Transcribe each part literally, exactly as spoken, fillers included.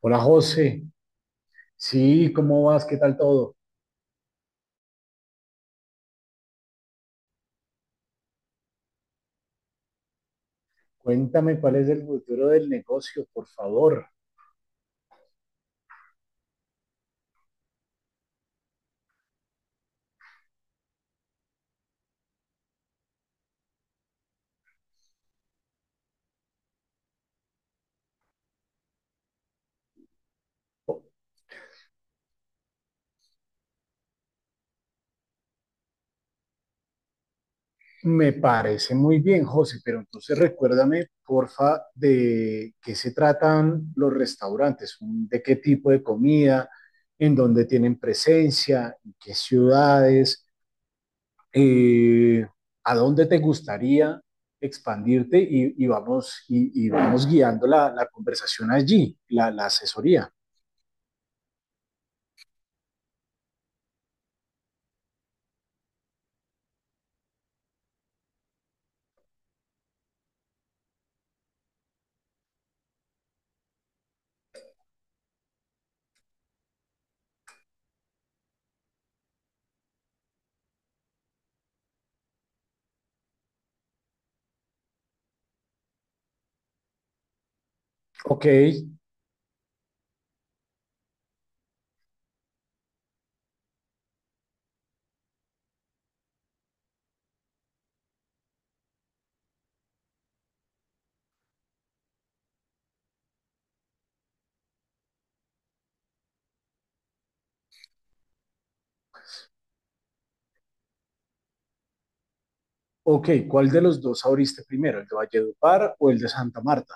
Hola José, sí, ¿cómo vas? ¿Qué tal todo? Cuéntame cuál es el futuro del negocio, por favor. Me parece muy bien, José, pero entonces recuérdame, porfa, de qué se tratan los restaurantes, un- de qué tipo de comida, en dónde tienen presencia, en qué ciudades, eh, a dónde te gustaría expandirte y, y vamos, y, y vamos guiando la, la conversación allí, la la asesoría. Ok, Ok, ¿cuál de los dos abriste primero, el de Valledupar o el de Santa Marta?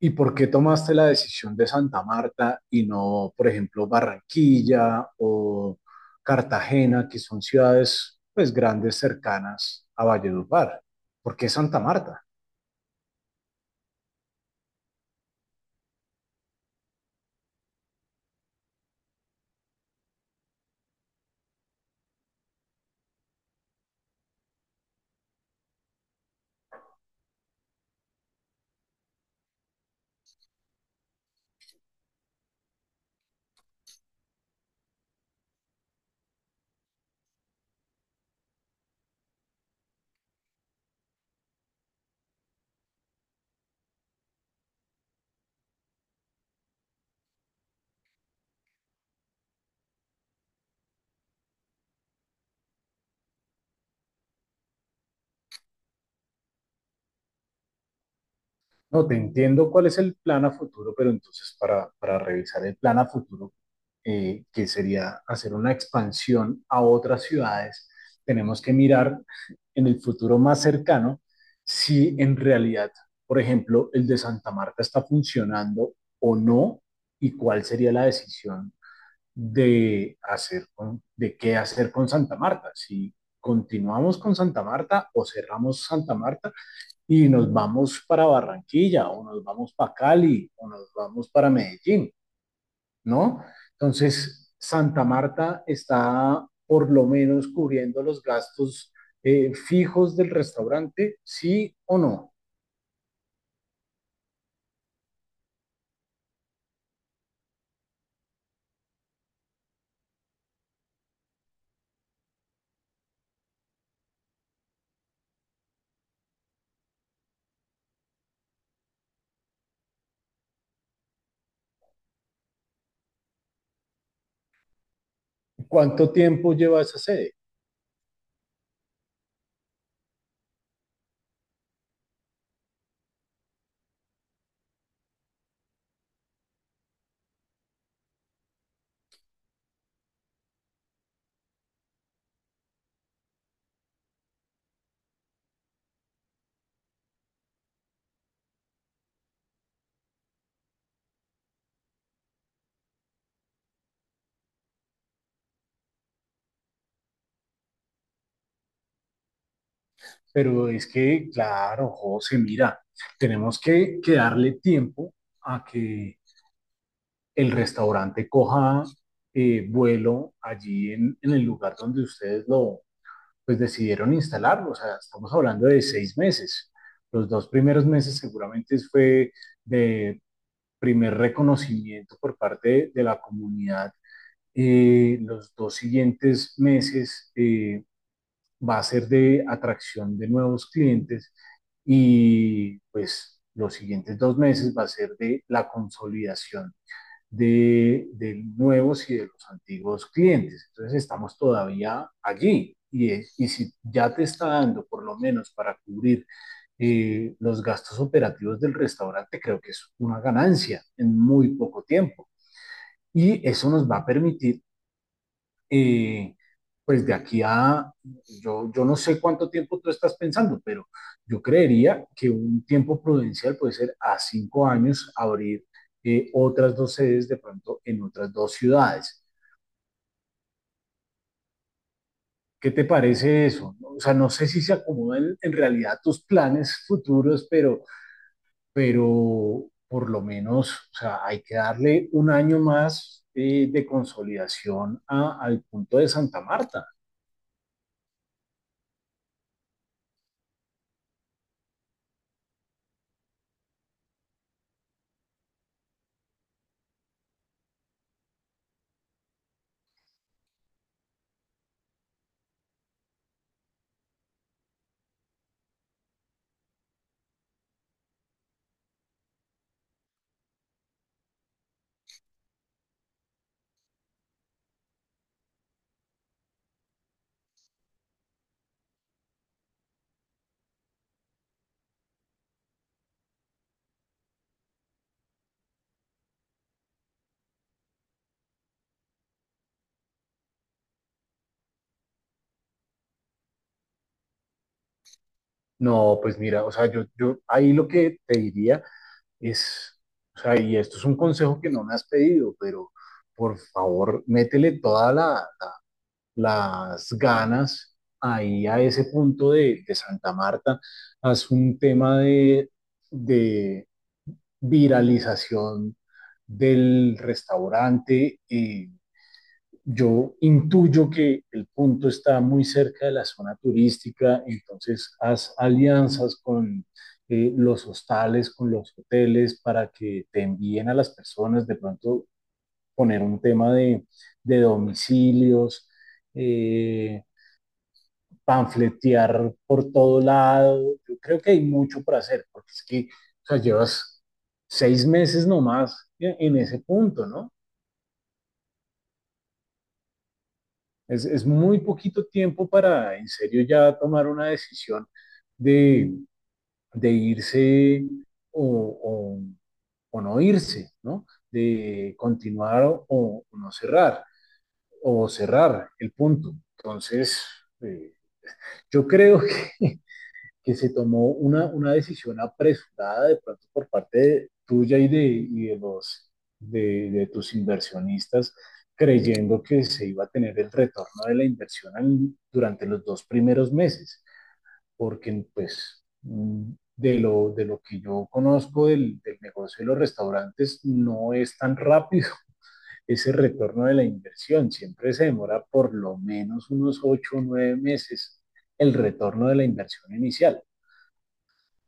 ¿Y por qué tomaste la decisión de Santa Marta y no, por ejemplo, Barranquilla o Cartagena, que son ciudades pues grandes cercanas a Valledupar? ¿Por qué Santa Marta? No, te entiendo cuál es el plan a futuro, pero entonces para, para revisar el plan a futuro, eh, que sería hacer una expansión a otras ciudades, tenemos que mirar en el futuro más cercano si en realidad, por ejemplo, el de Santa Marta está funcionando o no y cuál sería la decisión de hacer con- de qué hacer con Santa Marta, si continuamos con Santa Marta o cerramos Santa Marta y nos vamos para Barranquilla o nos vamos para Cali o nos vamos para Medellín, ¿no? Entonces, Santa Marta está por lo menos cubriendo los gastos eh, fijos del restaurante, sí o no. ¿Cuánto tiempo lleva esa sede? Pero es que, claro, José, mira, tenemos que, que darle tiempo a que el restaurante coja eh, vuelo allí en, en el lugar donde ustedes lo, pues decidieron instalarlo. O sea, estamos hablando de seis meses. Los dos primeros meses seguramente fue de primer reconocimiento por parte de, de la comunidad. Eh, los dos siguientes meses eh, va a ser de atracción de nuevos clientes y pues los siguientes dos meses va a ser de la consolidación de, de, nuevos y de los antiguos clientes. Entonces estamos todavía allí y, eh, y si ya te está dando por lo menos para cubrir eh, los gastos operativos del restaurante, creo que es una ganancia en muy poco tiempo. Y eso nos va a permitir eh, pues de aquí a, yo, yo no sé cuánto tiempo tú estás pensando, pero yo creería que un tiempo prudencial puede ser a cinco años abrir eh, otras dos sedes de pronto en otras dos ciudades. ¿Qué te parece eso? O sea, no sé si se acomodan en realidad tus planes futuros, pero, pero, por lo menos, o sea, hay que darle un año más eh, de consolidación a- al punto de Santa Marta. No, pues mira, o sea, yo, yo ahí lo que te diría es, o sea, y esto es un consejo que no me has pedido, pero por favor, métele todas la- la- las ganas ahí a ese punto de, de Santa Marta. Haz un tema de, de viralización del restaurante. eh, yo intuyo que el punto está muy cerca de la zona turística, entonces haz alianzas con eh, los hostales, con los hoteles, para que te envíen a las personas, de pronto poner un tema de, de domicilios, eh, panfletear por todo lado. Yo creo que hay mucho por hacer, porque es que o sea, llevas seis meses nomás en ese punto, ¿no? Es, es muy poquito tiempo para en serio ya tomar una decisión de, de irse o, o- o no irse, ¿no? De continuar o, o no cerrar, o cerrar el punto. Entonces, eh, yo creo que que se tomó una, una decisión apresurada de pronto por parte de- tuya y de, y de los, de, de tus inversionistas, creyendo que se iba a tener el retorno de la inversión al- durante los dos primeros meses, porque pues mm, de lo, de lo que yo conozco del, del negocio de los restaurantes, no es tan rápido ese retorno de la inversión, siempre se demora por lo menos unos ocho o nueve meses el retorno de la inversión inicial.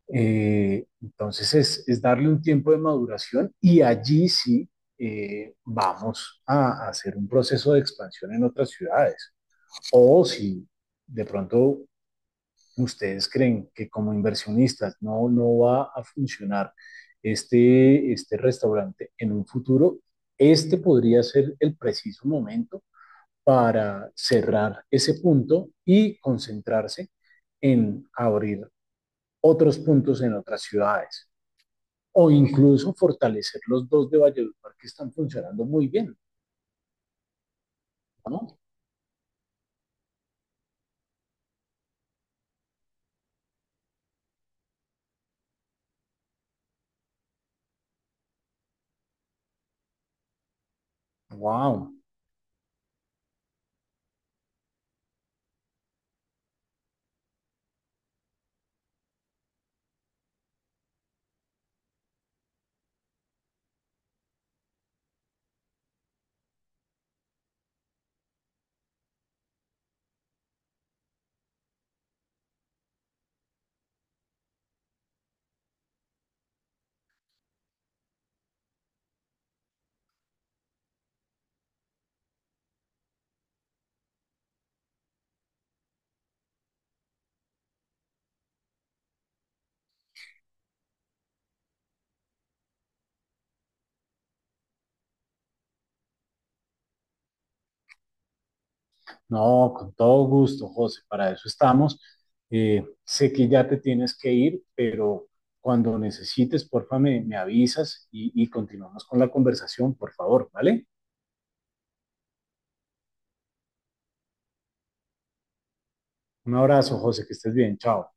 Eh, entonces es, es darle un tiempo de maduración y allí sí eh, vamos a hacer un proceso de expansión en otras ciudades. O si de pronto ustedes creen que como inversionistas no, no va a funcionar este, este restaurante en un futuro, este podría ser el preciso momento para cerrar ese punto y concentrarse en abrir otros puntos en otras ciudades o incluso fortalecer los dos de Valledupar que están funcionando muy bien, ¿no? Wow, no, con todo gusto, José, para eso estamos. Eh, sé que ya te tienes que ir, pero cuando necesites, porfa, me, me avisas y, y continuamos con la conversación, por favor, ¿vale? Un abrazo, José, que estés bien, chao.